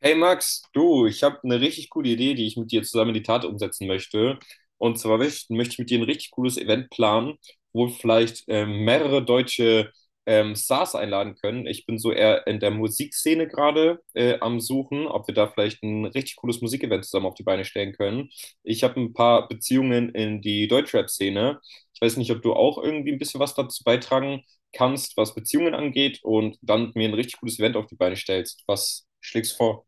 Hey Max, du, ich habe eine richtig coole Idee, die ich mit dir zusammen in die Tat umsetzen möchte. Und zwar möchte ich mit dir ein richtig cooles Event planen, wo wir vielleicht mehrere deutsche Stars einladen können. Ich bin so eher in der Musikszene gerade am Suchen, ob wir da vielleicht ein richtig cooles Musikevent zusammen auf die Beine stellen können. Ich habe ein paar Beziehungen in die Deutschrap-Szene. Ich weiß nicht, ob du auch irgendwie ein bisschen was dazu beitragen kannst, was Beziehungen angeht, und dann mir ein richtig cooles Event auf die Beine stellst. Was schlägst du vor?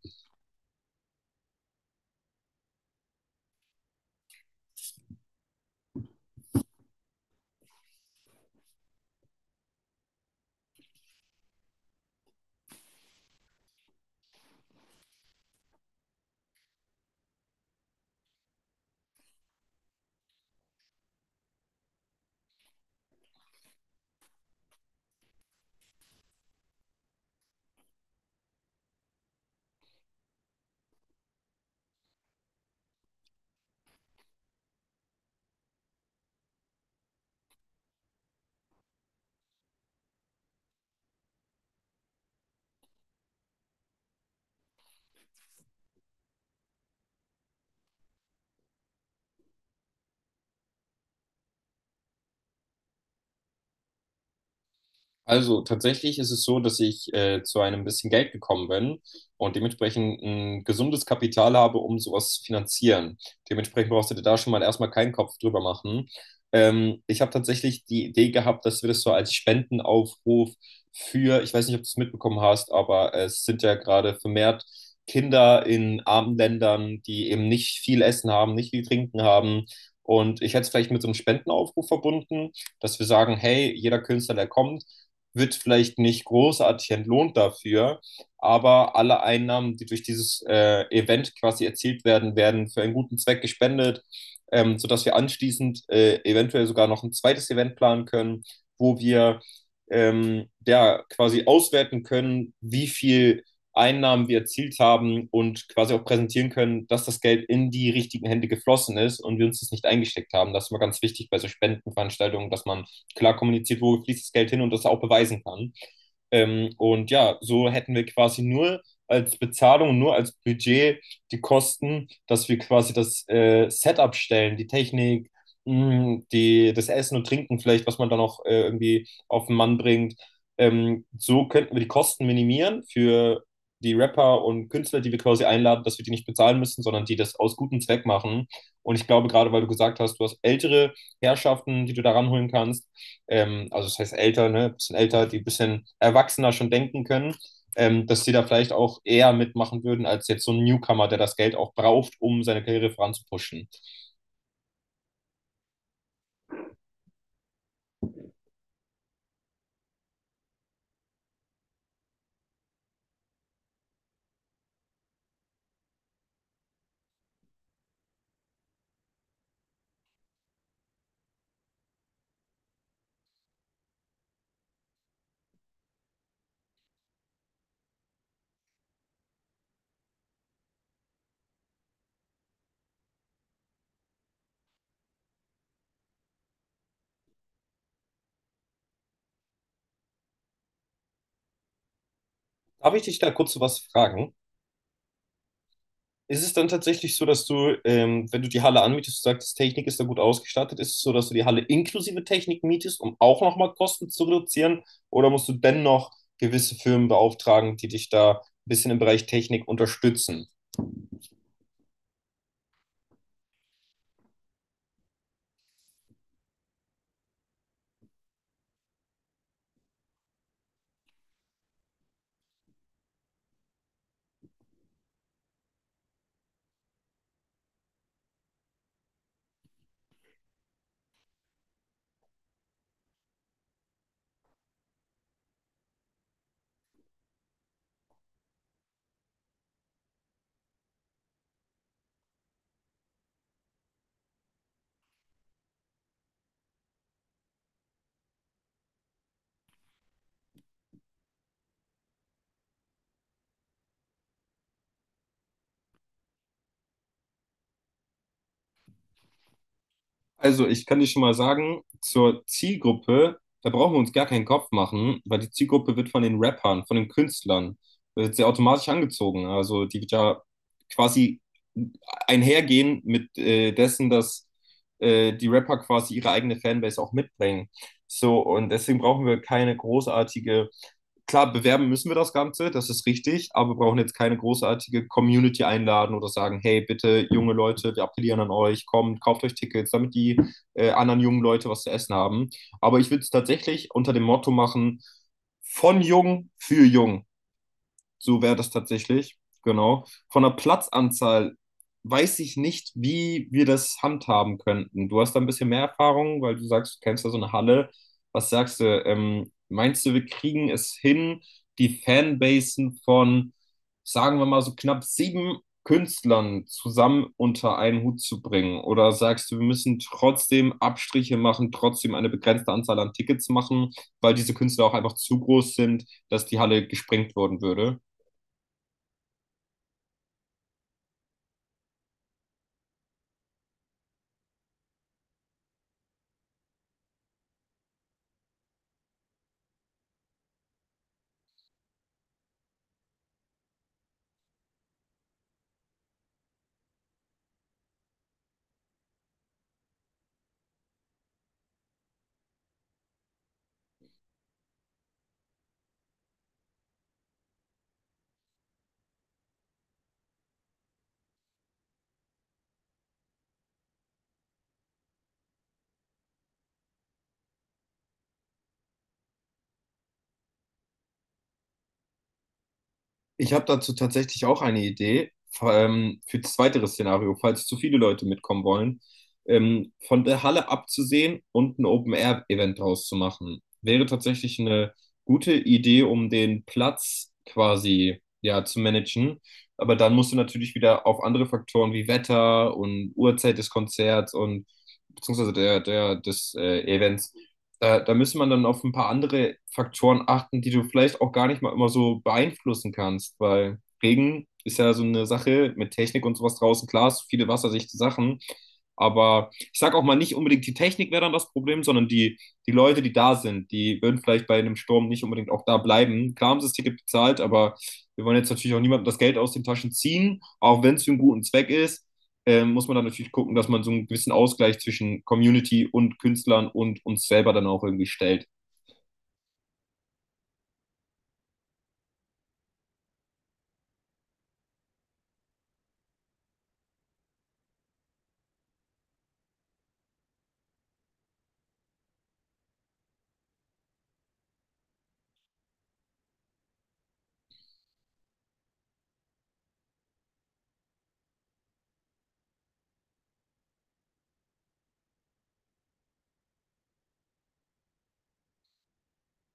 Also tatsächlich ist es so, dass ich zu einem bisschen Geld gekommen bin und dementsprechend ein gesundes Kapital habe, um sowas zu finanzieren. Dementsprechend brauchst du dir da schon mal erstmal keinen Kopf drüber machen. Ich habe tatsächlich die Idee gehabt, dass wir das so als Spendenaufruf für, ich weiß nicht, ob du es mitbekommen hast, aber es sind ja gerade vermehrt Kinder in armen Ländern, die eben nicht viel Essen haben, nicht viel Trinken haben. Und ich hätte es vielleicht mit so einem Spendenaufruf verbunden, dass wir sagen, hey, jeder Künstler, der kommt, wird vielleicht nicht großartig entlohnt dafür, aber alle Einnahmen, die durch dieses Event quasi erzielt werden, werden für einen guten Zweck gespendet, sodass wir anschließend eventuell sogar noch ein zweites Event planen können, wo wir ja, quasi auswerten können, wie viel Einnahmen wir erzielt haben und quasi auch präsentieren können, dass das Geld in die richtigen Hände geflossen ist und wir uns das nicht eingesteckt haben. Das ist immer ganz wichtig bei so Spendenveranstaltungen, dass man klar kommuniziert, wo fließt das Geld hin, und das auch beweisen kann. Und ja, so hätten wir quasi nur als Bezahlung, nur als Budget die Kosten, dass wir quasi das Setup stellen, die Technik, das Essen und Trinken vielleicht, was man dann auch irgendwie auf den Mann bringt. So könnten wir die Kosten minimieren für die Rapper und Künstler, die wir quasi einladen, dass wir die nicht bezahlen müssen, sondern die das aus gutem Zweck machen. Und ich glaube, gerade weil du gesagt hast, du hast ältere Herrschaften, die du da ranholen kannst, also das heißt älter, ne, bisschen älter, die ein bisschen erwachsener schon denken können, dass die da vielleicht auch eher mitmachen würden, als jetzt so ein Newcomer, der das Geld auch braucht, um seine Karriere voranzupushen. Darf ich dich da kurz so was fragen? Ist es dann tatsächlich so, dass du, wenn du die Halle anmietest, du sagst, Technik ist da gut ausgestattet, ist es so, dass du die Halle inklusive Technik mietest, um auch nochmal Kosten zu reduzieren? Oder musst du dennoch gewisse Firmen beauftragen, die dich da ein bisschen im Bereich Technik unterstützen? Also, ich kann dir schon mal sagen, zur Zielgruppe, da brauchen wir uns gar keinen Kopf machen, weil die Zielgruppe wird von den Rappern, von den Künstlern, wird sie automatisch angezogen. Also, die wird ja quasi einhergehen mit dessen, dass die Rapper quasi ihre eigene Fanbase auch mitbringen. So, und deswegen brauchen wir keine großartige, klar, bewerben müssen wir das Ganze, das ist richtig, aber wir brauchen jetzt keine großartige Community einladen oder sagen, hey, bitte, junge Leute, wir appellieren an euch, kommt, kauft euch Tickets, damit die anderen jungen Leute was zu essen haben. Aber ich würde es tatsächlich unter dem Motto machen, von jung für jung. So wäre das tatsächlich. Genau. Von der Platzanzahl weiß ich nicht, wie wir das handhaben könnten. Du hast da ein bisschen mehr Erfahrung, weil du sagst, du kennst da so eine Halle. Was sagst du? Meinst du, wir kriegen es hin, die Fanbasen von, sagen wir mal, so knapp sieben Künstlern zusammen unter einen Hut zu bringen? Oder sagst du, wir müssen trotzdem Abstriche machen, trotzdem eine begrenzte Anzahl an Tickets machen, weil diese Künstler auch einfach zu groß sind, dass die Halle gesprengt worden würde? Ich habe dazu tatsächlich auch eine Idee, für das weitere Szenario, falls zu viele Leute mitkommen wollen, von der Halle abzusehen und ein Open-Air-Event draus zu machen. Wäre tatsächlich eine gute Idee, um den Platz quasi, ja, zu managen. Aber dann musst du natürlich wieder auf andere Faktoren wie Wetter und Uhrzeit des Konzerts und beziehungsweise des Events, da da müsste man dann auf ein paar andere Faktoren achten, die du vielleicht auch gar nicht mal immer so beeinflussen kannst, weil Regen ist ja so eine Sache mit Technik und sowas draußen. Klar, es sind viele wasserdichte Sachen, aber ich sage auch mal nicht unbedingt, die Technik wäre dann das Problem, sondern die Leute, die da sind, die würden vielleicht bei einem Sturm nicht unbedingt auch da bleiben. Klar haben sie das Ticket bezahlt, aber wir wollen jetzt natürlich auch niemandem das Geld aus den Taschen ziehen, auch wenn es für einen guten Zweck ist, muss man dann natürlich gucken, dass man so einen gewissen Ausgleich zwischen Community und Künstlern und uns selber dann auch irgendwie stellt.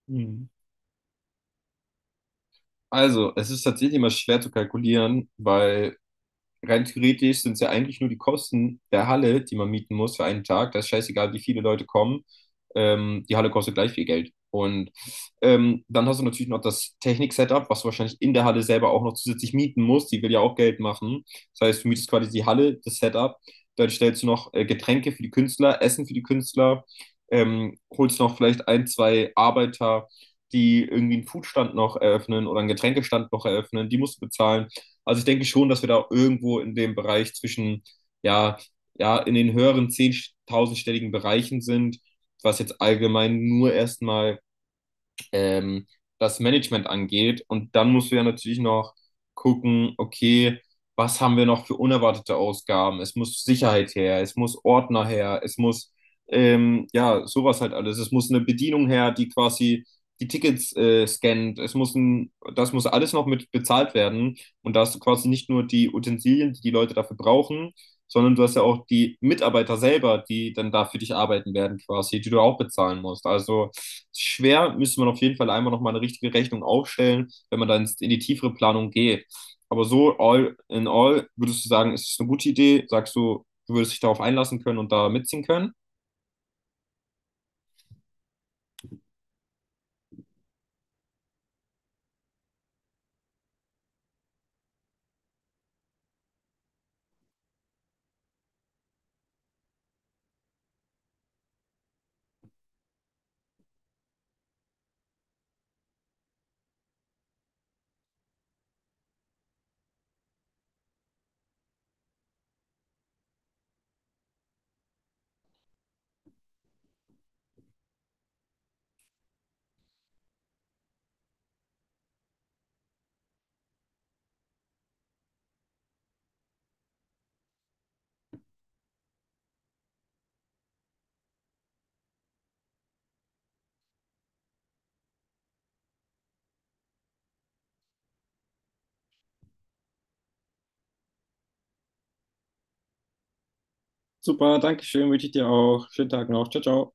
Mhm. Also, es ist tatsächlich immer schwer zu kalkulieren, weil rein theoretisch sind es ja eigentlich nur die Kosten der Halle, die man mieten muss für einen Tag. Das ist scheißegal, wie viele Leute kommen. Die Halle kostet gleich viel Geld. Und dann hast du natürlich noch das Technik-Setup, was du wahrscheinlich in der Halle selber auch noch zusätzlich mieten musst. Die will ja auch Geld machen. Das heißt, du mietest quasi die Halle, das Setup. Dann stellst du noch Getränke für die Künstler, Essen für die Künstler, holst noch vielleicht ein, zwei Arbeiter, die irgendwie einen Foodstand noch eröffnen oder einen Getränkestand noch eröffnen. Die musst du bezahlen. Also ich denke schon, dass wir da irgendwo in dem Bereich zwischen, ja, ja, in den höheren zehntausendstelligen Bereichen sind, was jetzt allgemein nur erstmal ähm, das Management angeht. Und dann musst du ja natürlich noch gucken, okay, was haben wir noch für unerwartete Ausgaben? Es muss Sicherheit her, es muss Ordner her, es muss ja sowas halt alles. Es muss eine Bedienung her, die quasi die Tickets scannt. Das muss alles noch mit bezahlt werden, und da hast du quasi nicht nur die Utensilien, die die Leute dafür brauchen, sondern du hast ja auch die Mitarbeiter selber, die dann da für dich arbeiten werden quasi, die du auch bezahlen musst. Also schwer, müsste man auf jeden Fall einmal nochmal eine richtige Rechnung aufstellen, wenn man dann in die tiefere Planung geht. Aber so all in all, würdest du sagen, ist es eine gute Idee? Sagst du, du würdest dich darauf einlassen können und da mitziehen können? Super, danke schön, wünsche ich dir auch. Schönen Tag noch. Ciao, ciao.